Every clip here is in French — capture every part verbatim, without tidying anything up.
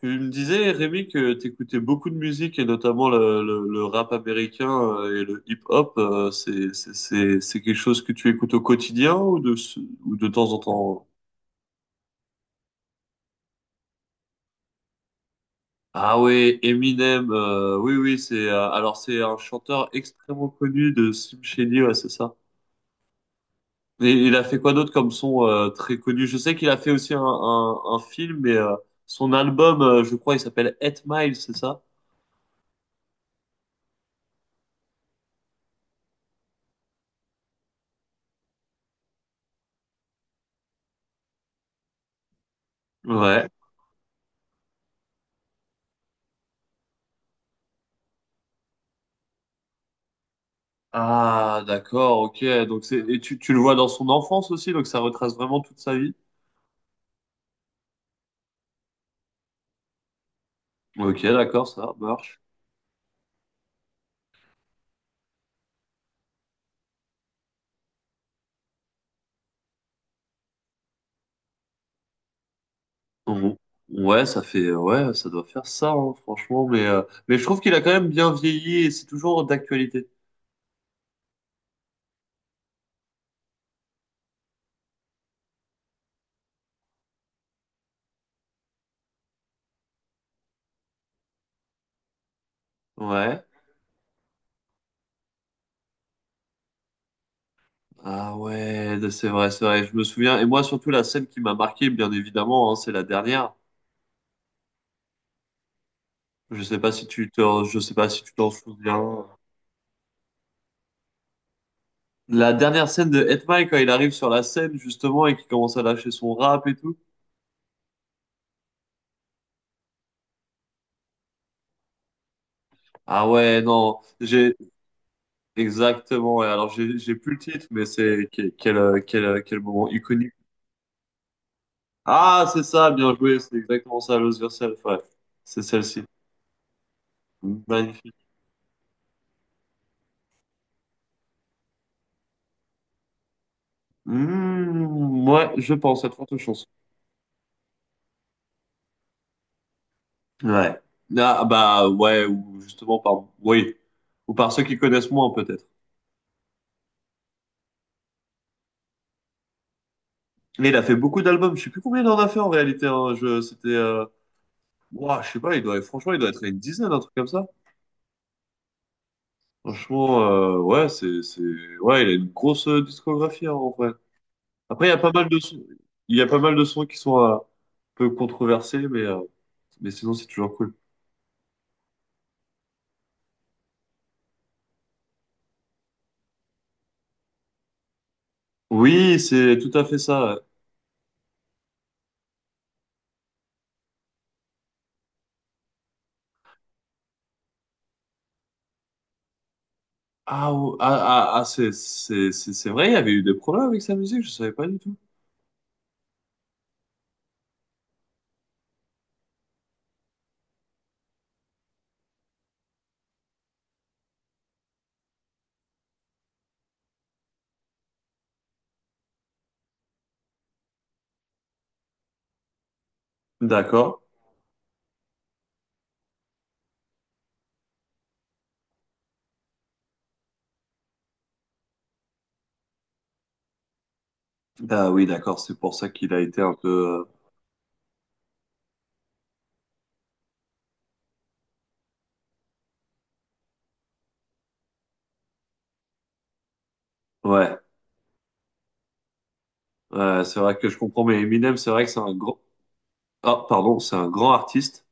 Tu me disais, Rémi, que t'écoutais beaucoup de musique et notamment le, le, le rap américain euh, et le hip-hop. euh, C'est, c'est, c'est, c'est quelque chose que tu écoutes au quotidien ou de, ce- ou de temps en temps? Ah ouais, Eminem. Euh, oui, oui, c'est euh, alors c'est un chanteur extrêmement connu de Slim Shady, ouais, c'est ça. Et il a fait quoi d'autre comme son euh, très connu? Je sais qu'il a fait aussi un, un, un film, mais euh, son album, euh, je crois, il s'appelle Eight Mile, c'est ça? Ouais. Ah, d'accord, ok. Donc c'est et tu, tu le vois dans son enfance aussi, donc ça retrace vraiment toute sa vie. Ok, d'accord, ça marche. Bon. Ouais, ça fait ouais, ça doit faire ça, hein, franchement. Mais euh, mais je trouve qu'il a quand même bien vieilli et c'est toujours d'actualité. Ouais. Ah ouais, c'est vrai, c'est vrai. Je me souviens. Et moi surtout la scène qui m'a marqué, bien évidemment, hein, c'est la dernière. Je sais pas si tu t'en, je sais pas si tu t'en souviens. La dernière scène de Hetman quand il arrive sur la scène justement et qu'il commence à lâcher son rap et tout. Ah ouais, non, j'ai exactement. Ouais. Alors j'ai j'ai plus le titre, mais c'est quel quel euh, quel, euh, quel moment iconique. Ah, c'est ça, bien joué, c'est exactement ça, Lose Yourself. Ouais, c'est celle-ci. Magnifique. Mmh, ouais, je pense, à de fortes chances. Ouais. Ah bah ouais, ou justement par oui, ou par ceux qui connaissent moins peut-être. Mais il a fait beaucoup d'albums. Je sais plus combien il en a fait en réalité. Hein. Je c'était euh... Ouah, je sais pas, il doit franchement, il doit être à une dizaine, un truc comme ça. Franchement, euh, ouais, c'est, c'est, ouais, il a une grosse euh, discographie, hein, en vrai. Après, il y a pas mal de sons, il y a pas mal de sons qui sont euh, un peu controversés, mais, euh, mais sinon, c'est toujours cool. Oui, c'est tout à fait ça. Ah, ou- ah, ah, ah, c'est, c'est, c'est c'est vrai, il y avait eu des problèmes avec sa musique, je savais pas du tout. D'accord. Ah oui, d'accord, c'est pour ça qu'il a été un peu, euh, ouais, ouais, c'est vrai que je comprends, mais Eminem, c'est vrai que c'est un grand, ah, pardon, c'est un grand artiste.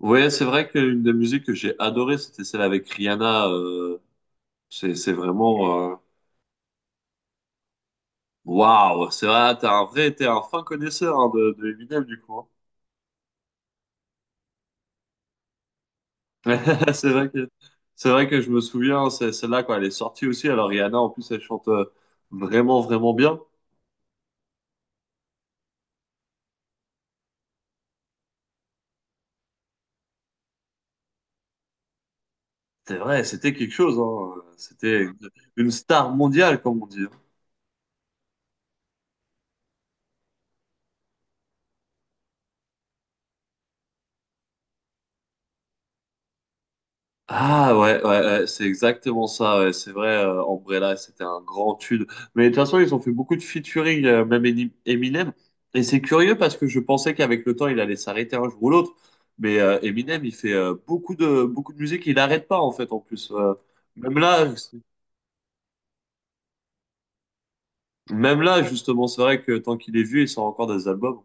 Ouais, c'est vrai qu'une des musiques que j'ai adorée, c'était celle avec Rihanna. euh, c'est, c'est vraiment... euh, Waouh! C'est vrai, t'es un vrai, t'es un fin connaisseur hein, de, de Eminem, du coup. Hein. C'est vrai que, c'est vrai que je me souviens, c'est celle-là, quand elle est sortie aussi. Alors Rihanna, en plus, elle chante euh, vraiment, vraiment bien. C'est vrai, c'était quelque chose. Hein. C'était une une star mondiale, comme on dit. Ah ouais, ouais, ouais, c'est exactement ça, ouais, c'est vrai, euh, Umbrella, c'était un grand tube. Mais de toute façon, ils ont fait beaucoup de featuring, euh, même Eni- Eminem. Et c'est curieux parce que je pensais qu'avec le temps, il allait s'arrêter un jour ou l'autre. Mais euh, Eminem, il fait euh, beaucoup de, beaucoup de musique, il n'arrête pas en fait en plus. Euh, même là, c'est- Même là, justement, c'est vrai que tant qu'il est vieux, il sort encore des albums.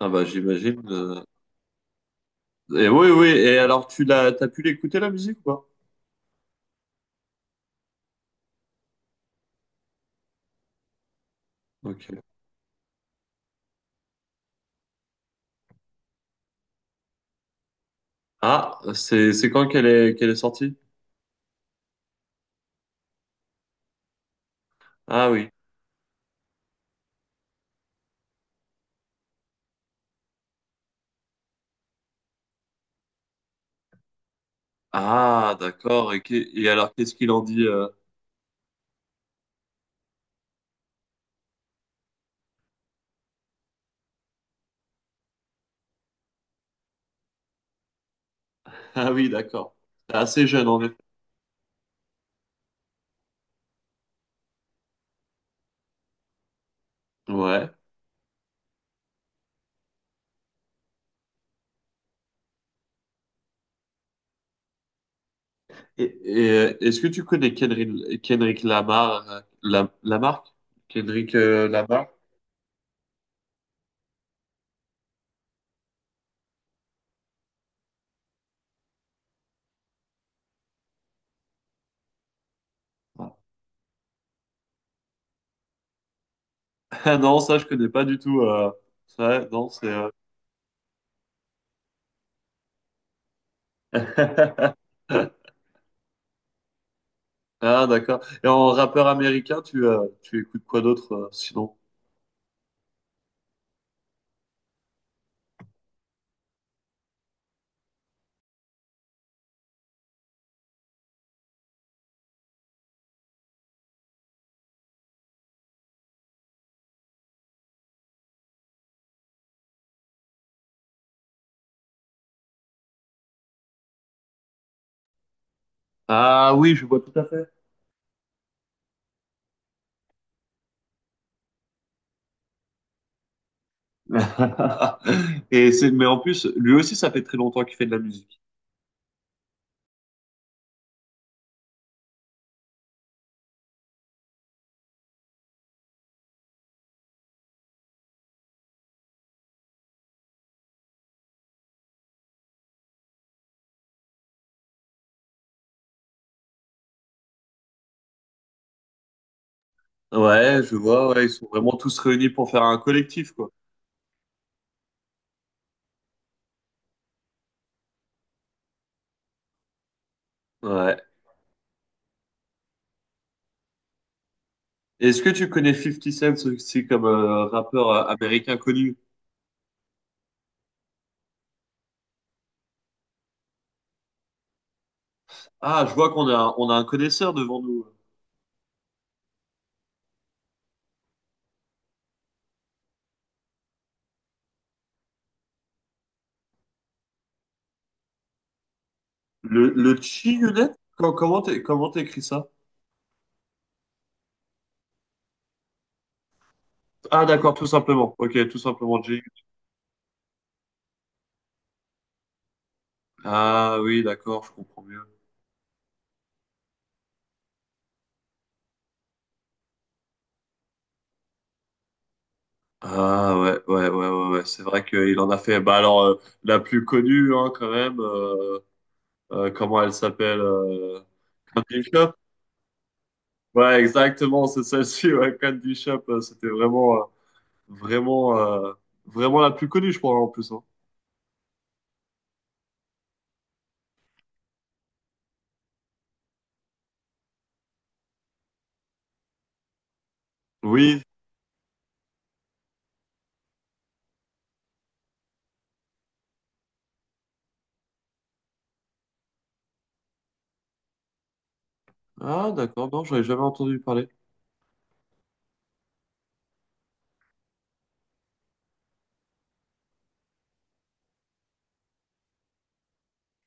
Ah bah j'imagine. euh, Et oui, oui, et alors tu l'as, t'as pu l'écouter la musique ou pas? Ok. Ah, c'est, c'est quand qu'elle est, qu'elle est sortie? Ah oui. Ah, d'accord. Et, qu'est- et alors, qu'est-ce qu'il en dit euh Ah oui, d'accord. C'est assez jeune, en effet. Ouais. Et, et, euh, est-ce que tu connais Kendrick, Kendrick Lamar, euh, la, Lamarck? Kendrick euh, Lamar? Ah non, ça, je connais pas du tout. euh. Ouais, non, c'est... euh, Ah, d'accord. Et en rappeur américain, tu, euh, tu écoutes quoi d'autre, euh, sinon? Ah oui, je vois tout à fait. Et c'est, mais en plus, lui aussi, ça fait très longtemps qu'il fait de la musique. Ouais, je vois, ouais, ils sont vraiment tous réunis pour faire un collectif, quoi. Ouais. Est-ce que tu connais Fifty Cent aussi comme euh, rappeur euh, américain connu? Ah, je vois qu'on a, on a un connaisseur devant nous. Le, le G unit? Com- Comment t'é- comment t'écris ça? Ah, d'accord, tout simplement. Ok, tout simplement G. Ah oui, d'accord, je comprends mieux. Ah ouais, ouais, ouais, ouais, ouais. C'est vrai qu'il en a fait. Bah alors, euh, la plus connue, hein, quand même. Euh, euh, comment elle s'appelle? Euh... Ouais, exactement, c'est celle-ci, ouais, Candy du Shop, euh, c'était vraiment, euh, vraiment, euh, vraiment la plus connue, je crois, en plus. Hein. Oui. Ah, d'accord, non, j'avais jamais entendu parler.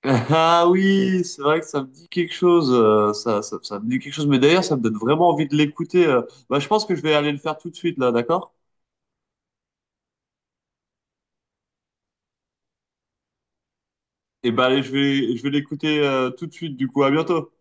Ah oui, c'est vrai que ça me dit quelque chose, euh, ça, ça, ça me dit quelque chose, mais d'ailleurs, ça me donne vraiment envie de l'écouter. euh. Bah, je pense que je vais aller le faire tout de suite, là, d'accord? Et bah, allez, je vais, je vais l'écouter, euh, tout de suite, du coup, à bientôt.